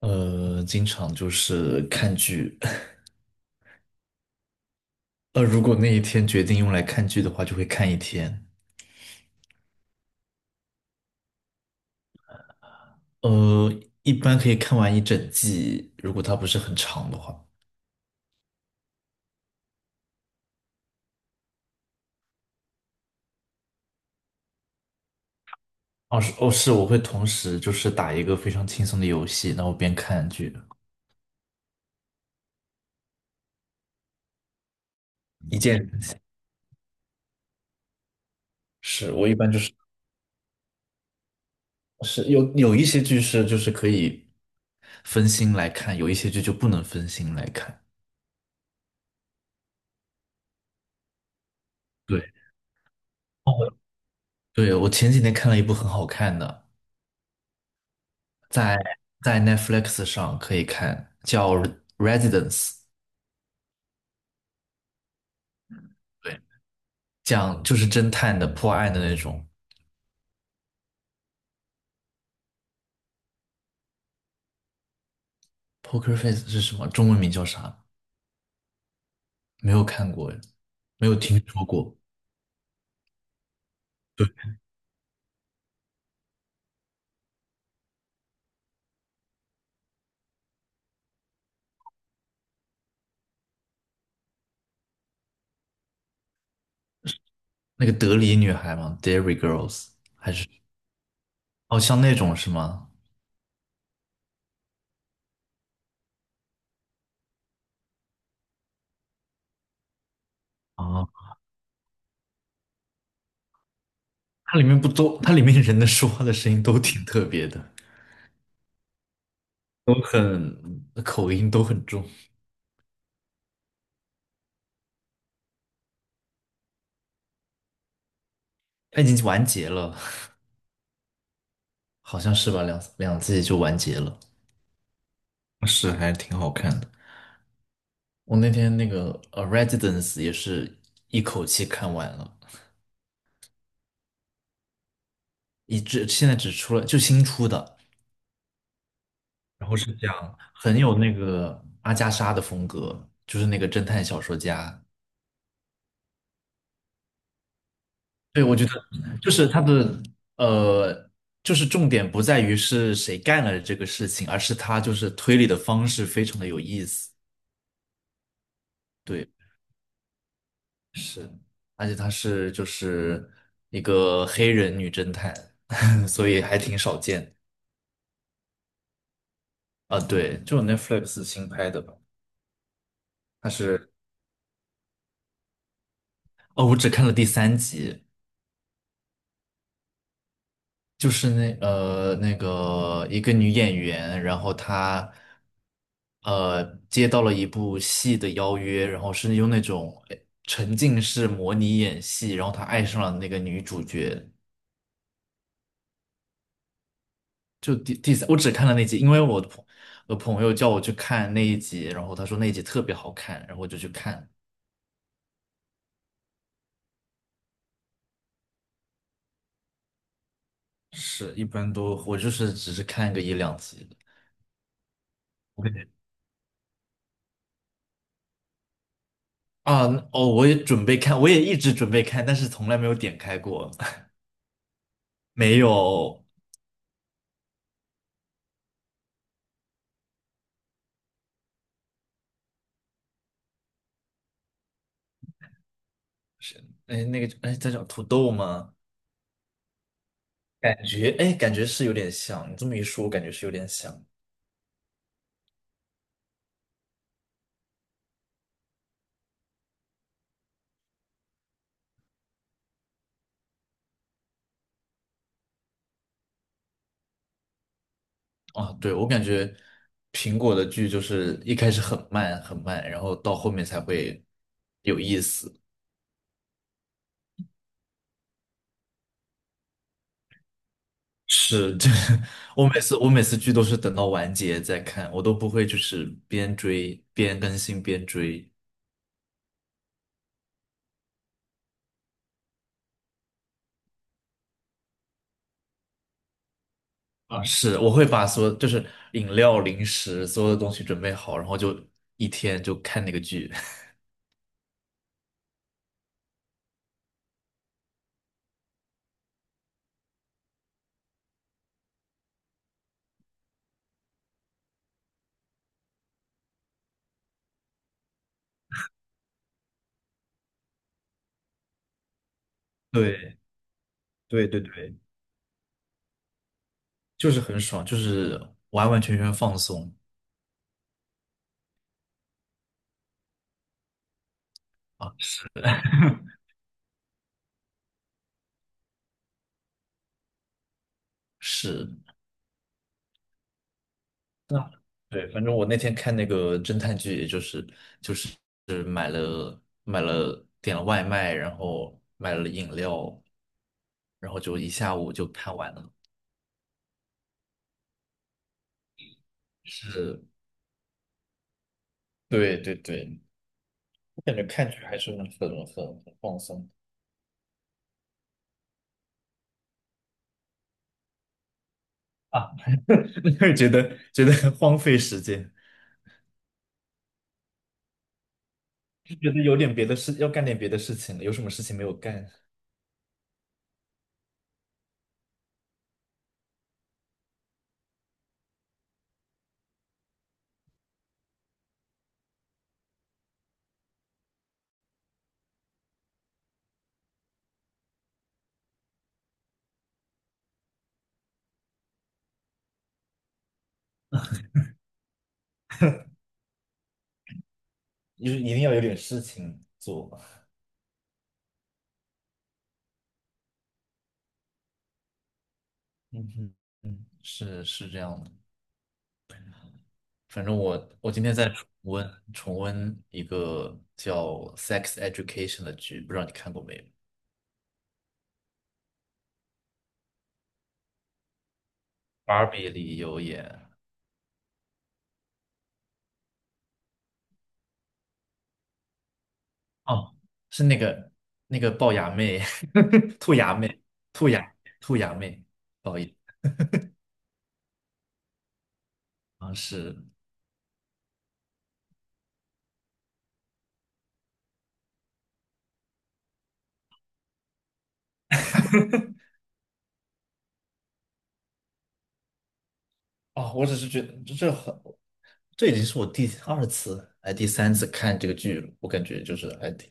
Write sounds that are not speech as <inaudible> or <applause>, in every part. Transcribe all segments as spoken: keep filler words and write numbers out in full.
呃，经常就是看剧。<laughs> 呃，如果那一天决定用来看剧的话，就会看一天。呃，一般可以看完一整季，如果它不是很长的话。哦，是哦，是，我会同时就是打一个非常轻松的游戏，然后边看剧，一键嗯。是我一般就是是有有一些剧是就是可以分心来看，有一些剧就不能分心来看。对，哦，对，我前几天看了一部很好看的，在在 Netflix 上可以看，叫《Residence》,对，讲就是侦探的破案的那种。Poker Face 是什么？中文名叫啥？没有看过，没有听说过。对，那个德里女孩吗 d a i r y Girls 还是哦，像那种是吗？啊，它里面不都，它里面人的说话的声音都挺特别的，都很口音都很重。它已经完结了，好像是吧？两两季就完结了，是还挺好看的。我那天那个呃《Residence》也是一口气看完了，一直现在只出了就新出的，然后是讲很有那个阿加莎的风格，就是那个侦探小说家。对，我觉得就是他的呃，就是重点不在于是谁干了这个事情，而是他就是推理的方式非常的有意思。对，是，而且他是就是一个黑人女侦探，<laughs> 所以还挺少见啊，对，就是 Netflix 新拍的吧？它是哦，我只看了第三集，就是那呃那个一个女演员，然后她呃接到了一部戏的邀约，然后是用那种哎沉浸式模拟演戏，然后她爱上了那个女主角。就第第三，我只看了那集，因为我的朋我的朋友叫我去看那一集，然后他说那一集特别好看，然后我就去看。是，一般都我就是只是看个一两集。啊，哦，我也准备看，我也一直准备看，但是从来没有点开过，<laughs> 没有，是，哎，那个，哎，在叫土豆吗？感觉，哎，感觉是有点像，你这么一说，我感觉是有点像。啊，对，我感觉苹果的剧就是一开始很慢很慢，然后到后面才会有意思。是，这 <laughs> 我每次我每次剧都是等到完结再看，我都不会就是边追边更新边追。啊，是，我会把所有就是饮料、零食所有的东西准备好，然后就一天就看那个剧。<laughs> 对，对对对，就是很爽，就是完完全全放松啊。是，那对，反正我那天看那个侦探剧，也就是就是是买了买了点了外卖，然后买了饮料，然后就一下午就看完了。是，对对对，我感觉看剧还是很很很很放松。啊，<laughs> 会觉得觉得荒废时间，就觉得有点别的事，要干点别的事情了。有什么事情没有干，就是一定要有点事情做吧。嗯哼，是是这样的。反正我我今天在重温重温一个叫《Sex Education》的剧，不知道你看过没有？Barbie 里有演，哦，是那个那个龅牙妹，<laughs> 兔牙妹，兔牙兔牙妹，不好意思，啊是。哦，我只是觉得这这很，这已经是我第二次哎第三次看这个剧了，我感觉就是还挺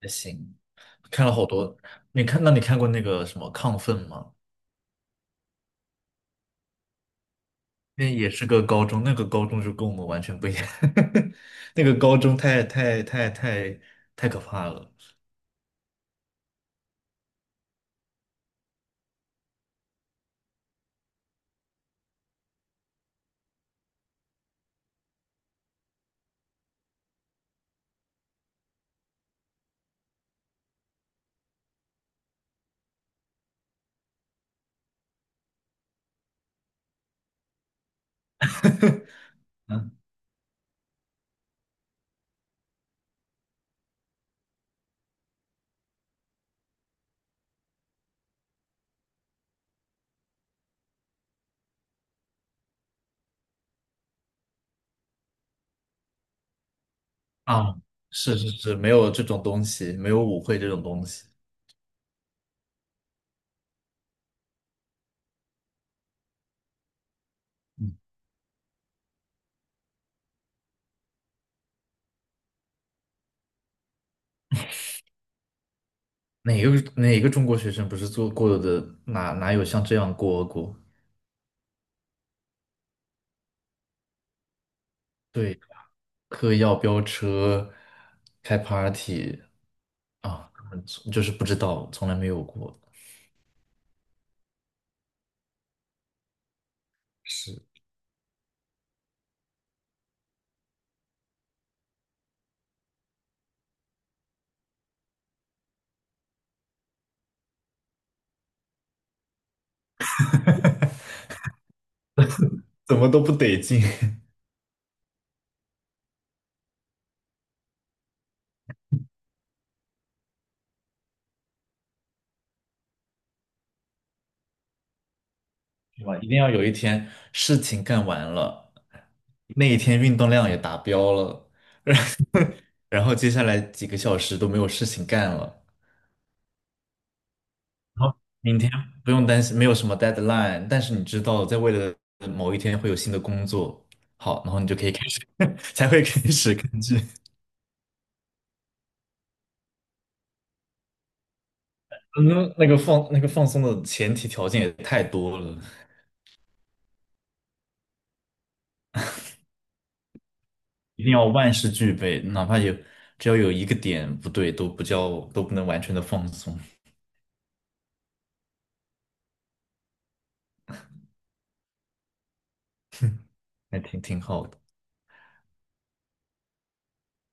还行，看了好多。你看，那你看过那个什么《亢奋》吗？那也是个高中，那个高中就跟我们完全不一样，<laughs> 那个高中太太太太太可怕了。<laughs> 嗯啊，是是是，没有这种东西，没有舞会这种东西。哪个哪个中国学生不是做过的？哪哪有像这样过过？对。嗑药飙车、开 party 啊，就是不知道，从来没有过，是怎么都不得劲，<laughs> 是吧？一定要有一天事情干完了，那一天运动量也达标了，然后接下来几个小时都没有事情干了，然后明天不用担心没有什么 deadline,但是你知道在未来的某一天会有新的工作，好，然后你就可以开始，<laughs> 才会开始根据。嗯，那个放那个放松的前提条件也太多了，一定要万事俱备，哪怕有只要有一个点不对，都不叫都不能完全的放松，还挺挺好的。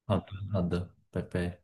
好的，好的，拜拜。